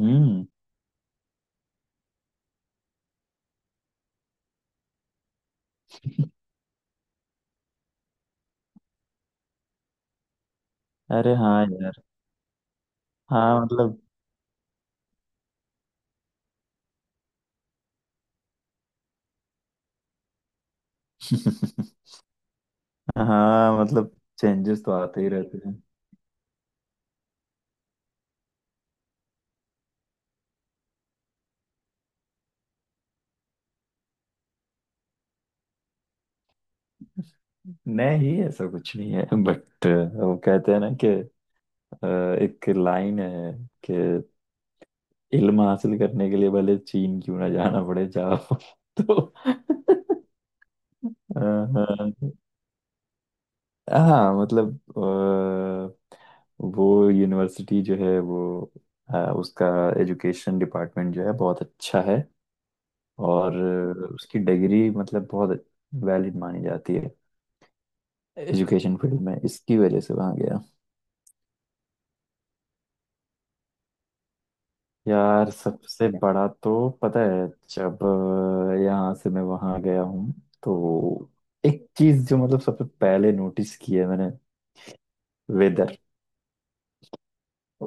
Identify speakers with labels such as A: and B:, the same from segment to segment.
A: हम्म। अरे हाँ यार। हाँ मतलब। हाँ मतलब चेंजेस तो आते ही रहते हैं। नहीं ऐसा कुछ नहीं है बट वो कहते हैं ना कि अ, एक लाइन है कि इल्म हासिल करने के लिए भले चीन क्यों ना जाना पड़े जाओ। तो अ, हाँ मतलब, वो यूनिवर्सिटी जो है, वो उसका एजुकेशन डिपार्टमेंट जो है बहुत अच्छा है। और उसकी डिग्री मतलब बहुत वैलिड मानी जाती है एजुकेशन फील्ड में। इसकी वजह से वहाँ गया। यार सबसे बड़ा तो पता है, जब यहाँ से मैं वहाँ गया हूँ तो एक चीज जो मतलब सबसे पहले नोटिस की है मैंने, वेदर।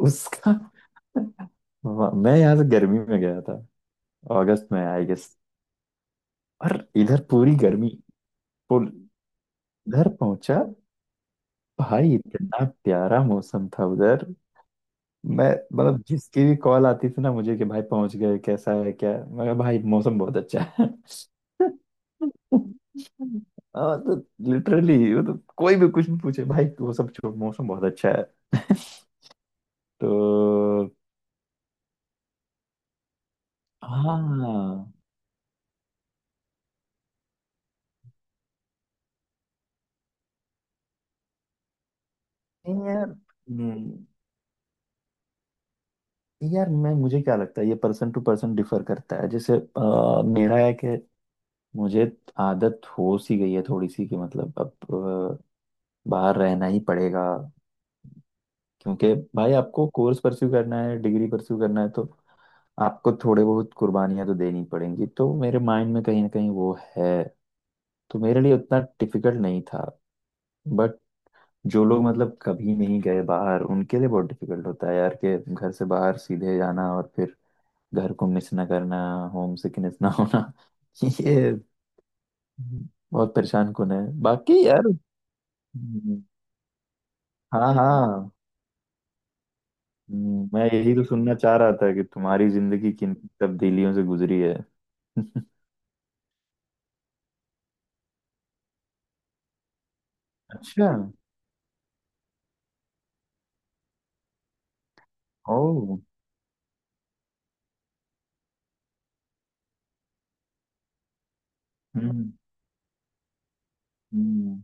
A: उसका। मैं यहाँ से गर्मी में गया था, अगस्त में आई गेस। और इधर पूरी गर्मी, फुल। इधर पहुंचा, भाई इतना प्यारा मौसम था उधर। मैं मतलब जिसकी भी कॉल आती थी ना मुझे कि भाई पहुंच गए, कैसा है क्या है? मैं कहा, भाई मौसम बहुत अच्छा है। हाँ, तो लिटरली वो तो कोई भी कुछ भी पूछे, भाई वो सब छोड़, मौसम बहुत अच्छा है। तो हाँ। नहीं यार। हम्म। यार, मैं मुझे क्या लगता है ये पर्सन टू पर्सन डिफर करता है। जैसे मेरा है कि मुझे आदत हो सी गई है थोड़ी सी, कि मतलब अब बाहर रहना ही पड़ेगा। क्योंकि भाई आपको कोर्स परस्यू करना है, डिग्री परस्यू करना है, तो आपको थोड़े बहुत कुर्बानियां तो देनी पड़ेंगी। तो मेरे माइंड में कहीं ना कहीं वो है, तो मेरे लिए उतना डिफिकल्ट नहीं था। बट जो लोग मतलब कभी नहीं गए बाहर उनके लिए बहुत डिफिकल्ट होता है यार, के घर से बाहर सीधे जाना और फिर घर को मिस ना करना, होम सिकनेस ना होना। ये बहुत परेशान कौन है बाकी यार। हम्म। हाँ हाँ। मैं यही तो सुनना चाह रहा था कि तुम्हारी जिंदगी किन तब्दीलियों से गुजरी है। अच्छा। ओ। हम्म। हम्म।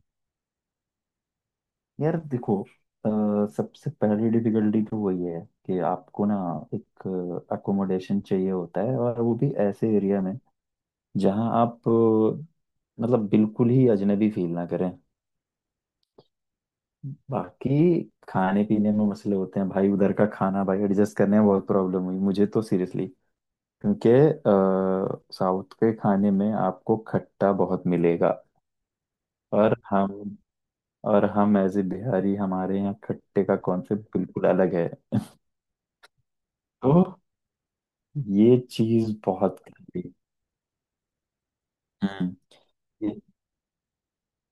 A: यार देखो, सबसे पहली डिफिकल्टी तो वही है कि आपको ना एक अकोमोडेशन चाहिए होता है, और वो भी ऐसे एरिया में जहां आप मतलब बिल्कुल ही अजनबी फील ना करें। बाकी खाने पीने में मसले होते हैं भाई, उधर का खाना भाई एडजस्ट करने में बहुत प्रॉब्लम हुई मुझे तो, सीरियसली। क्योंकि साउथ के खाने में आपको खट्टा बहुत मिलेगा। और हम और हम एज ए बिहारी हमारे यहाँ खट्टे का कॉन्सेप्ट बिल्कुल अलग है। तो ये चीज बहुत खली। हम्म। ये-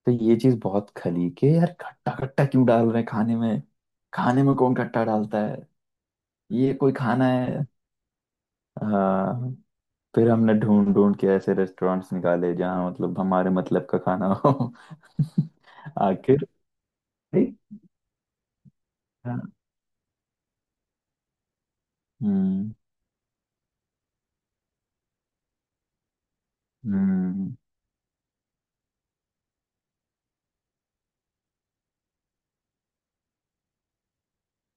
A: तो ये चीज बहुत खली, के यार खट्टा खट्टा क्यों डाल रहे हैं खाने में, खाने में कौन खट्टा डालता है, ये कोई खाना है। हाँ। फिर हमने ढूंढ ढूंढ के ऐसे रेस्टोरेंट्स निकाले जहाँ मतलब हमारे मतलब का खाना हो। आखिर। हम्म। हम्म।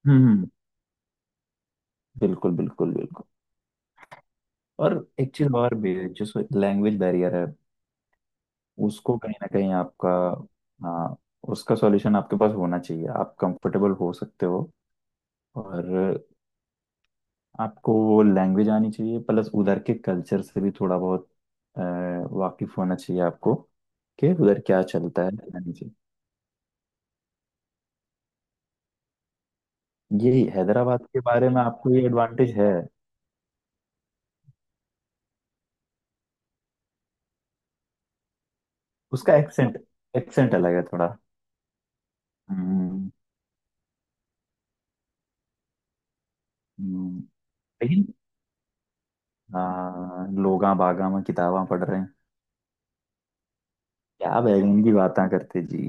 A: हम्म, बिल्कुल बिल्कुल बिल्कुल। और एक चीज और भी है जो लैंग्वेज बैरियर है। उसको कहीं ना कहीं आपका, हाँ, उसका सॉल्यूशन आपके पास होना चाहिए, आप कंफर्टेबल हो सकते हो। और आपको वो लैंग्वेज आनी चाहिए, प्लस उधर के कल्चर से भी थोड़ा बहुत अ, वाकिफ होना चाहिए आपको, कि उधर क्या चलता है यानी चाहिए। ये हैदराबाद के बारे में आपको ये एडवांटेज है। उसका एक्सेंट, एक्सेंट अलग है थोड़ा। हम्म। हम्म। लेकिन हाँ लोगा बागा में किताबां पढ़ रहे हैं, क्या बैगन की बातें करते जी।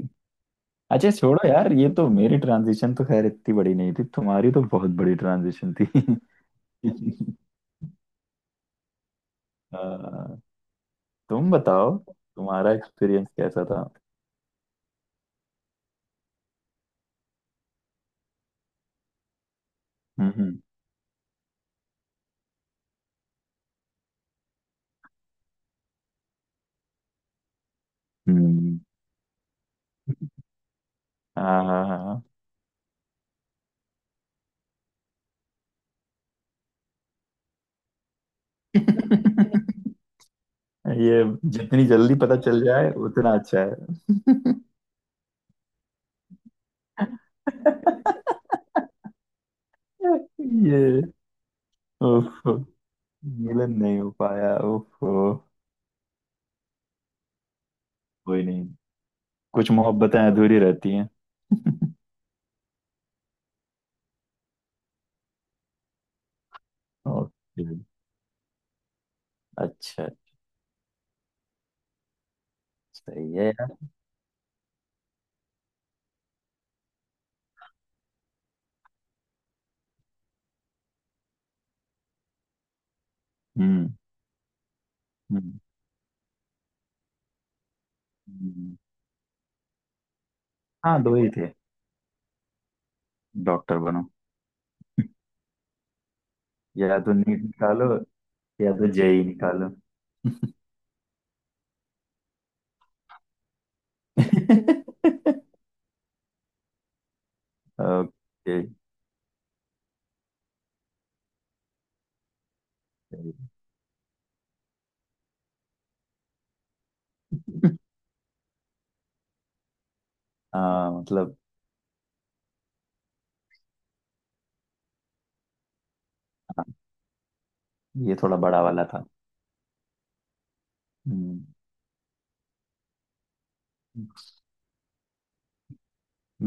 A: अच्छा छोड़ो यार, ये तो मेरी ट्रांजिशन तो खैर इतनी बड़ी नहीं थी, तुम्हारी तो बहुत बड़ी ट्रांजिशन थी। आ, तुम बताओ तुम्हारा एक्सपीरियंस कैसा था। हम्म। हम्म। हाँ हाँ हाँ। ये जितनी जल्दी पता चल जाए उतना अच्छा है। ये। ओफो। मिलन नहीं हो पाया, ओफो। कोई नहीं, कुछ मोहब्बतें अधूरी रहती हैं। ओके। अच्छा। सही है यार। हम्म। हम्म, हम्म। हाँ दो ही थे, डॉक्टर बनो, या तो नीट निकालो, या तो जेई निकालो। ओके। हाँ मतलब। हाँ, ये थोड़ा बड़ा वाला था। हम्म।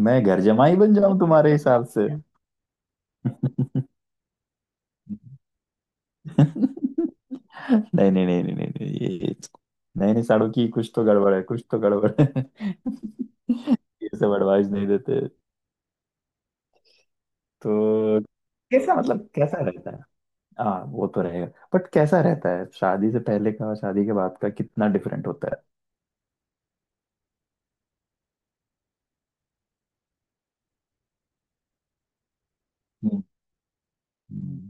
A: मैं घर जमाई बन जाऊं तुम्हारे हिसाब से? नहीं नहीं नहीं नहीं नहीं नहीं, ये नए नए साड़ों की कुछ तो गड़बड़ है, कुछ तो गड़बड़ है। ये सब एडवाइस नहीं देते। तो कैसा मतलब, कैसा रहता है? हाँ वो तो रहेगा। बट कैसा रहता है शादी से पहले का और शादी के बाद का, कितना डिफरेंट होता है? हम्म। हम्म।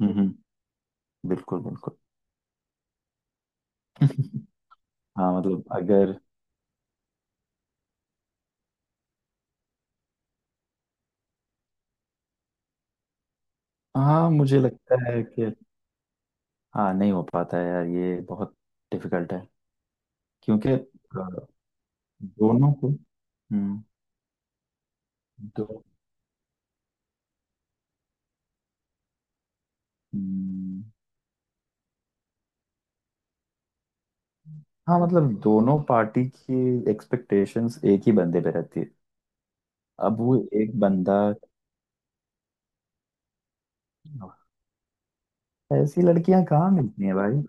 A: हम्म, हम्म, बिल्कुल बिल्कुल। हाँ मतलब अगर। हाँ मुझे लगता है कि, हाँ नहीं हो पाता है यार, ये बहुत डिफिकल्ट है। क्योंकि दोनों को। हम्म। दो। हम्म, हाँ मतलब दोनों पार्टी की एक्सपेक्टेशंस एक ही बंदे पे रहती है। अब वो एक बंदा, ऐसी लड़कियां कहाँ मिलती हैं भाई।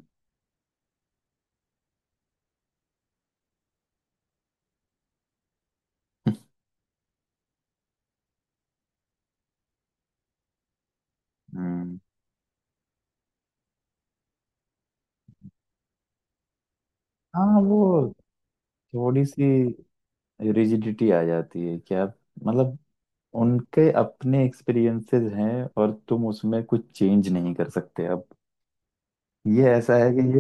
A: हम्म। हाँ वो थोड़ी सी रिजिडिटी आ जाती है क्या मतलब, उनके अपने एक्सपीरियंसेस हैं और तुम उसमें कुछ चेंज नहीं कर सकते अब। ये ऐसा है कि ये,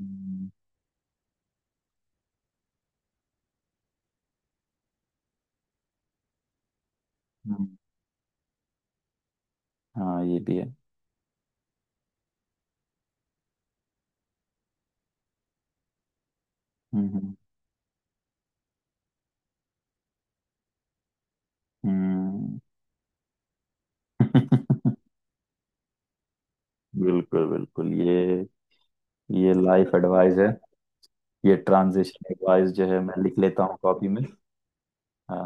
A: हम्म, हम्म, हाँ ये भी है। हम्म। हम्म। हम्म। बिल्कुल बिल्कुल। ये लाइफ एडवाइस है। ये ट्रांजिशन एडवाइस जो है, मैं लिख लेता हूँ कॉपी में। आ,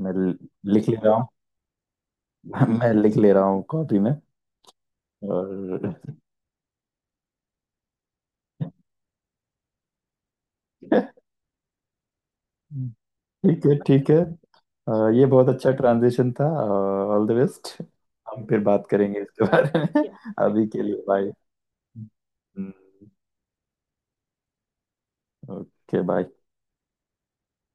A: मैं ल- लिख ले रहा हूँ। मैं लिख ले रहा हूँ कॉपी में। और। ठीक है ठीक है। ये बहुत अच्छा ट्रांजिशन था। All the best. हम फिर बात करेंगे इसके बारे में। अभी के लिए बाय। Okay bye.